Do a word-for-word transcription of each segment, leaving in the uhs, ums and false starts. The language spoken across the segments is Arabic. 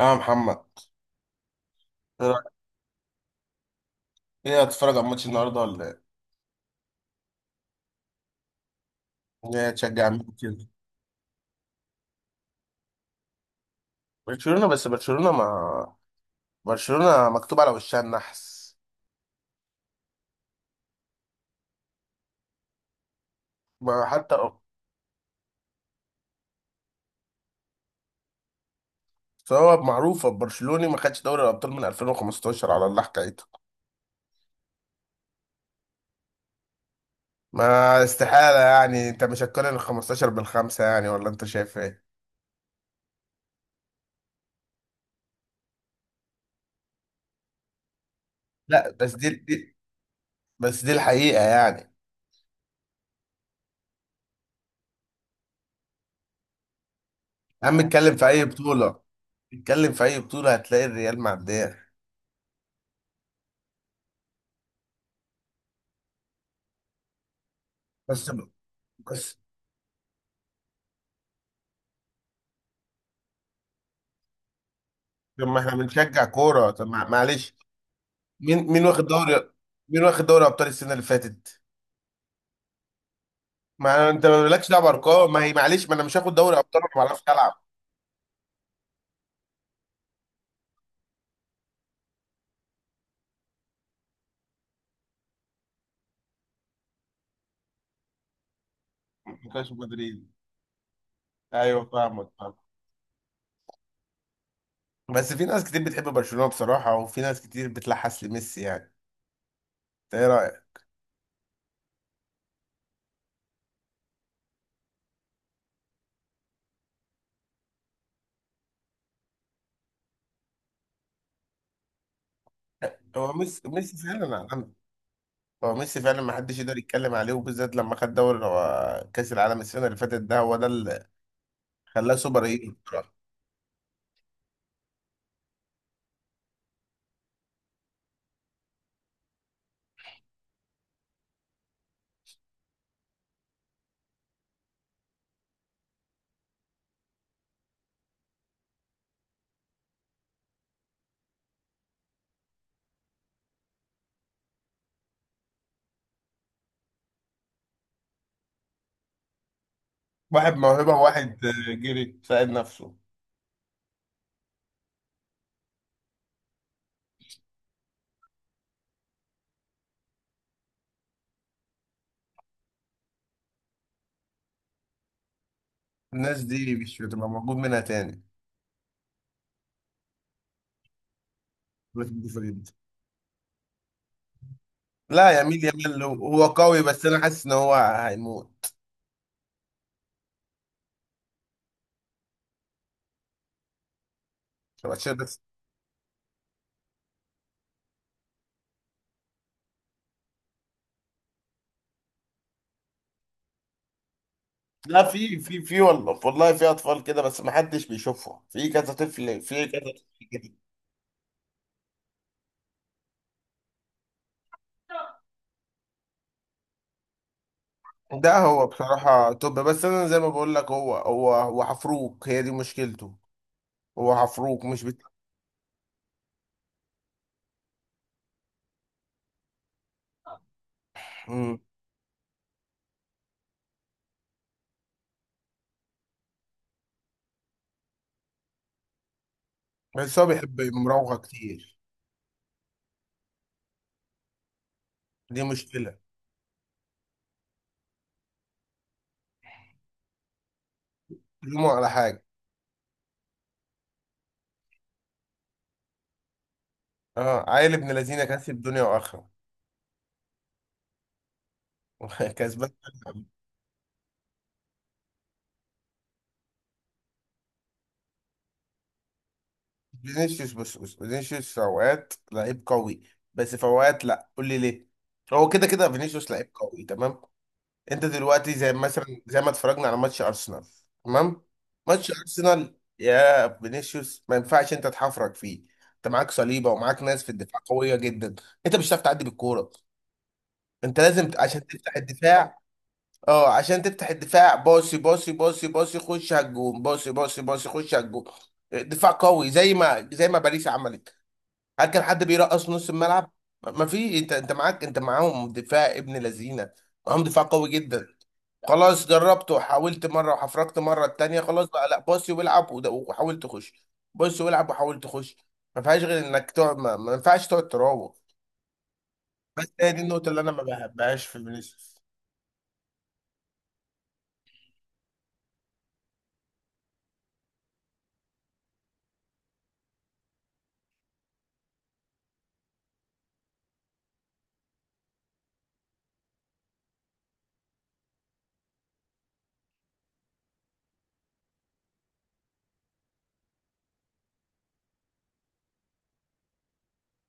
يا محمد، ايه رأيك؟ إيه، هتتفرج على ماتش النهارده ولا ايه؟ إيه، تشجع مين كده؟ برشلونة بس برشلونة ما... برشلونة مكتوب على وشها النحس. ما حتى... سواء معروفة، برشلوني ما خدش دوري الأبطال من ألفين وخمسة عشر، على الله حكايته. ما استحالة يعني، انت مش هتقارن ال الخمستاشر بالخمسة يعني؟ ولا انت شايف ايه؟ لا بس دي, دي بس دي الحقيقة يعني. يا عم اتكلم في أي بطولة، اتكلم في أي بطولة هتلاقي الريال معدية. بس، بس... طب ما احنا بنشجع كورة، طب مع- معلش، مين مين واخد دوري، مين واخد دوري ابطال السنه اللي فاتت؟ ما انت مالكش دعوه بارقام، ما هي معلش، ما انا مش هاخد دوري ابطال وانا ما بعرفش العب. ما كانش مدريد. ايوه، فاهمك فاهمك. بس في ناس كتير بتحب برشلونه بصراحه، وفي ناس كتير بتلحس لميسي يعني. انت ايه رايك؟ هو ميسي ميسي فعلا عالمي. هو ميسي فعلا ما حدش يقدر يتكلم عليه، وبالذات لما خد دوري هو كاس العالم السنه اللي فاتت، ده هو ده اللي خلاه سوبر هيرو بصراحه. واحد موهبه، وواحد جري ساعد نفسه. الناس دي مش هتبقى موجود منها تاني. لا، يميل، يميل له، هو قوي بس انا حاسس ان هو هيموت. عشان بس... لا، في في في والله والله، في اطفال كده، بس ما حدش بيشوفهم، في كذا طفل، في كذا طفل كده. ده هو بصراحة. طب بس انا زي ما بقول لك، هو هو هو حفروك، هي دي مشكلته. هو حفروك مش بت... مم. بس هو بيحب مراوغة كتير. دي مشكلة. لومه على حاجة. اه، عيل ابن لذينه كسب دنيا واخرة. كسبان. فينيسيوس، بص بص، فينيسيوس في اوقات لعيب قوي، بس في اوقات لا، قول لي ليه. هو كده كده فينيسيوس لعيب قوي، تمام. انت دلوقتي زي مثلا زي ما اتفرجنا على ماتش ارسنال، تمام. ماتش ارسنال، يا فينيسيوس ما ينفعش انت تحفرك فيه. انت معاك صليبه، ومعاك ناس في الدفاع قويه جدا. انت مش هتعرف تعدي بالكوره. انت لازم ت- عشان تفتح الدفاع. اه، عشان تفتح الدفاع باصي باصي باصي باصي، خش على الجون، باصي باصي باصي، خش على الجون. دفاع قوي زي ما زي ما باريس عملت. هل كان حد بيرقص في نص الملعب؟ ما في، انت انت معاك، انت معاهم دفاع ابن لذينه، معاهم دفاع قوي جدا. خلاص، جربت وحاولت مره، وحفركت مره التانيه، خلاص بقى لا باصي والعب، وده- وحاول تخش، باصي والعب وحاول تخش. ما فيهاش غير انك تقعد، ما, ما ينفعش تقعد تراوغ. هي دي النقطه اللي انا ما بحبهاش في فينيسيوس.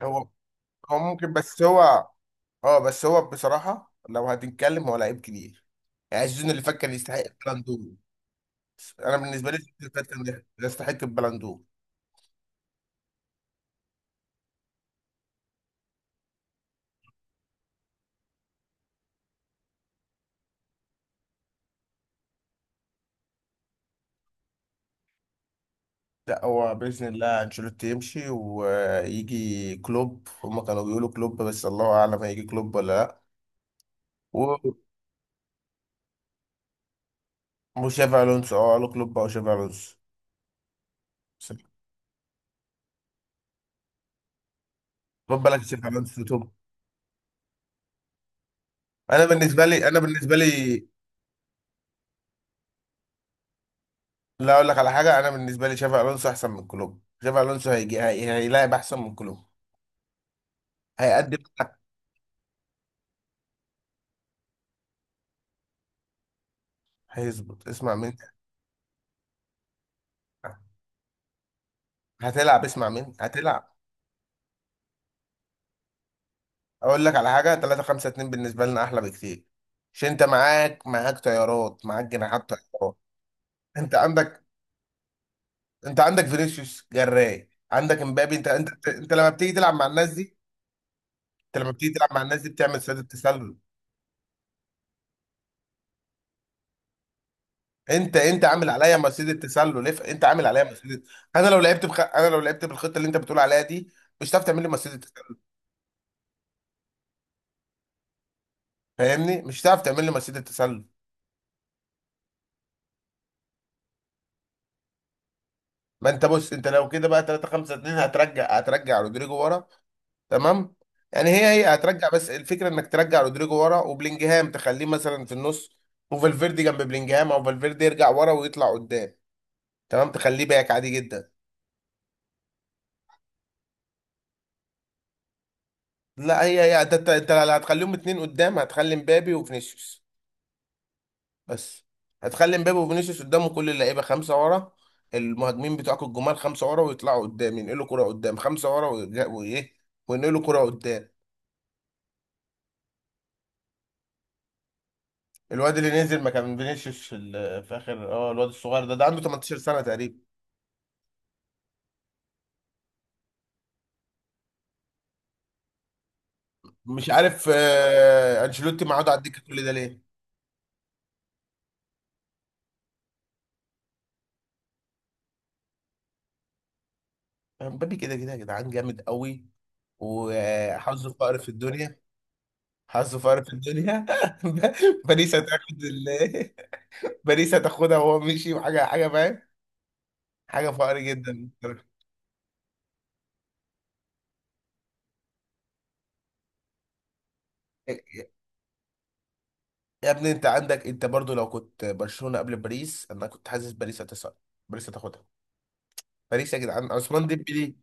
هو هو ممكن بس هو... اه، بس هو بصراحه لو هتتكلم هو لعيب كبير. يعني السيزون اللي فات كان يستحق البلندور. انا بالنسبه لي السيزون اللي فات كان يستحق البلندور. لا، هو بإذن الله أنشيلوتي يمشي ويجي كلوب. هما كانوا بيقولوا كلوب بس الله أعلم هيجي كلوب ولا لأ. و- وشافي ألونسو، أه، قالوا كلوب أو شافي ألونسو. بس خد بالك، شافي ألونسو توب. أنا بالنسبة لي أنا بالنسبة لي، لا أقول لك على حاجة، أنا بالنسبة لي شافي ألونسو أحسن من كلوب. شافي ألونسو هيجي هي... هيلاعب أحسن من كلوب، هيقدم لك، هيظبط، اسمع مني هتلعب، اسمع مني هتلعب. أقول لك على حاجة، ثلاثة خمسة اتنين بالنسبة لنا أحلى بكتير. عشان أنت معاك، معاك طيارات، معاك جناحات، طيارات. انت عندك، انت عندك فينيسيوس، جراي، عندك امبابي. انت انت انت لما بتيجي تلعب مع الناس دي، انت لما بتيجي تلعب مع الناس دي بتعمل سيده تسلل. انت انت عامل عليا مصيده تسلل، اف- انت عامل عليا مصيده. انا لو لعبت بخ... انا لو لعبت بالخطه اللي انت بتقول عليها دي، مش هتعرف تعمل لي مصيده تسلل، فاهمني، مش هتعرف تعمل لي مصيده تسلل. ما انت بص، انت لو كده بقى ثلاثة خمسة اتنين، هترجع هترجع رودريجو ورا، تمام. يعني هي هي هترجع، بس الفكره انك ترجع رودريجو ورا، وبلينجهام تخليه مثلا في النص، وفالفيردي جنب بلينجهام او فالفيردي يرجع ورا ويطلع قدام، تمام، تخليه باك عادي جدا. لا، هي هي انت انت أنت اللي هتخليهم اتنين قدام، هتخلي مبابي وفينيسيوس. بس هتخلي مبابي وفينيسيوس قدامه، كل اللعيبه خمسه ورا. المهاجمين بتوعك الجمال خمسه ورا، ويطلعوا قدام ينقلوا كره قدام، خمسه ورا، ويرجع- وايه، وينقلوا كره قدام. الواد اللي نزل مكان فينيسيوس في ال- في اخر، اه الواد الصغير ده ده عنده تمنتاشر سنه تقريبا. مش عارف، آه، انشيلوتي معاد على الدكه كل ده ليه؟ مبابي كده كده يا جدعان جامد قوي، وحظه فقر في الدنيا. حظه فقر في الدنيا باريس هتاخد ال... باريس هتاخدها وهو مشي، وحاجه حاجه، فاهم. حاجه فقر جدا. يا ابني انت عندك، انت برضو لو كنت برشلونه قبل باريس انا كنت حاسس باريس هتصعد، باريس هتاخدها. باريس يا جدعان، عثمان ديمبلي.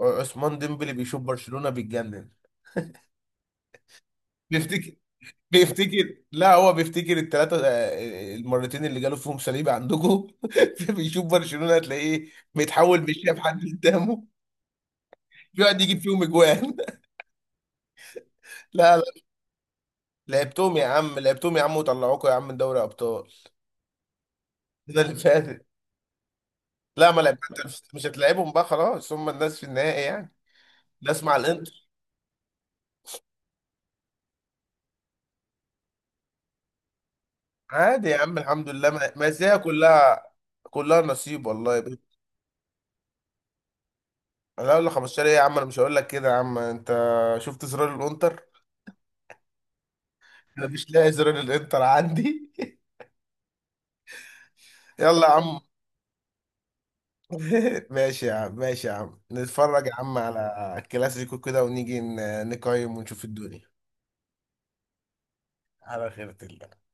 عثمان ديمبلي بيشوف برشلونه بيتجنن. تفتكر؟ بيفتكر، لا، هو بيفتكر الثلاثة، المرتين اللي جاله فيهم صليب عندكم. بيشوف برشلونة، هتلاقيه بيتحول، مش شايف حد قدامه، بيقعد يجيب فيهم اجوان. لا، لا، لعبتهم يا عم، لعبتهم يا عم وطلعوكوا يا عم من دوري ابطال. ده اللي فاتت. لا، ما لعب. مش هتلعبهم بقى، خلاص هم الناس في النهائي يعني، ناس مع الانتر. عادي يا عم، الحمد لله، ما ما هي كلها، كلها نصيب والله يا بيه. انا اقول لك خمستاشر ايه يا عم، انا مش هقول لك كده يا عم. انت شفت زرار الانتر؟ انا مش لاقي زرار الانتر عندي. يلا يا عم. ماشي يا عم، ماشي يا عم، نتفرج يا عم على الكلاسيكو كده ونيجي ن- نقيم ونشوف الدنيا، على خيرة الله.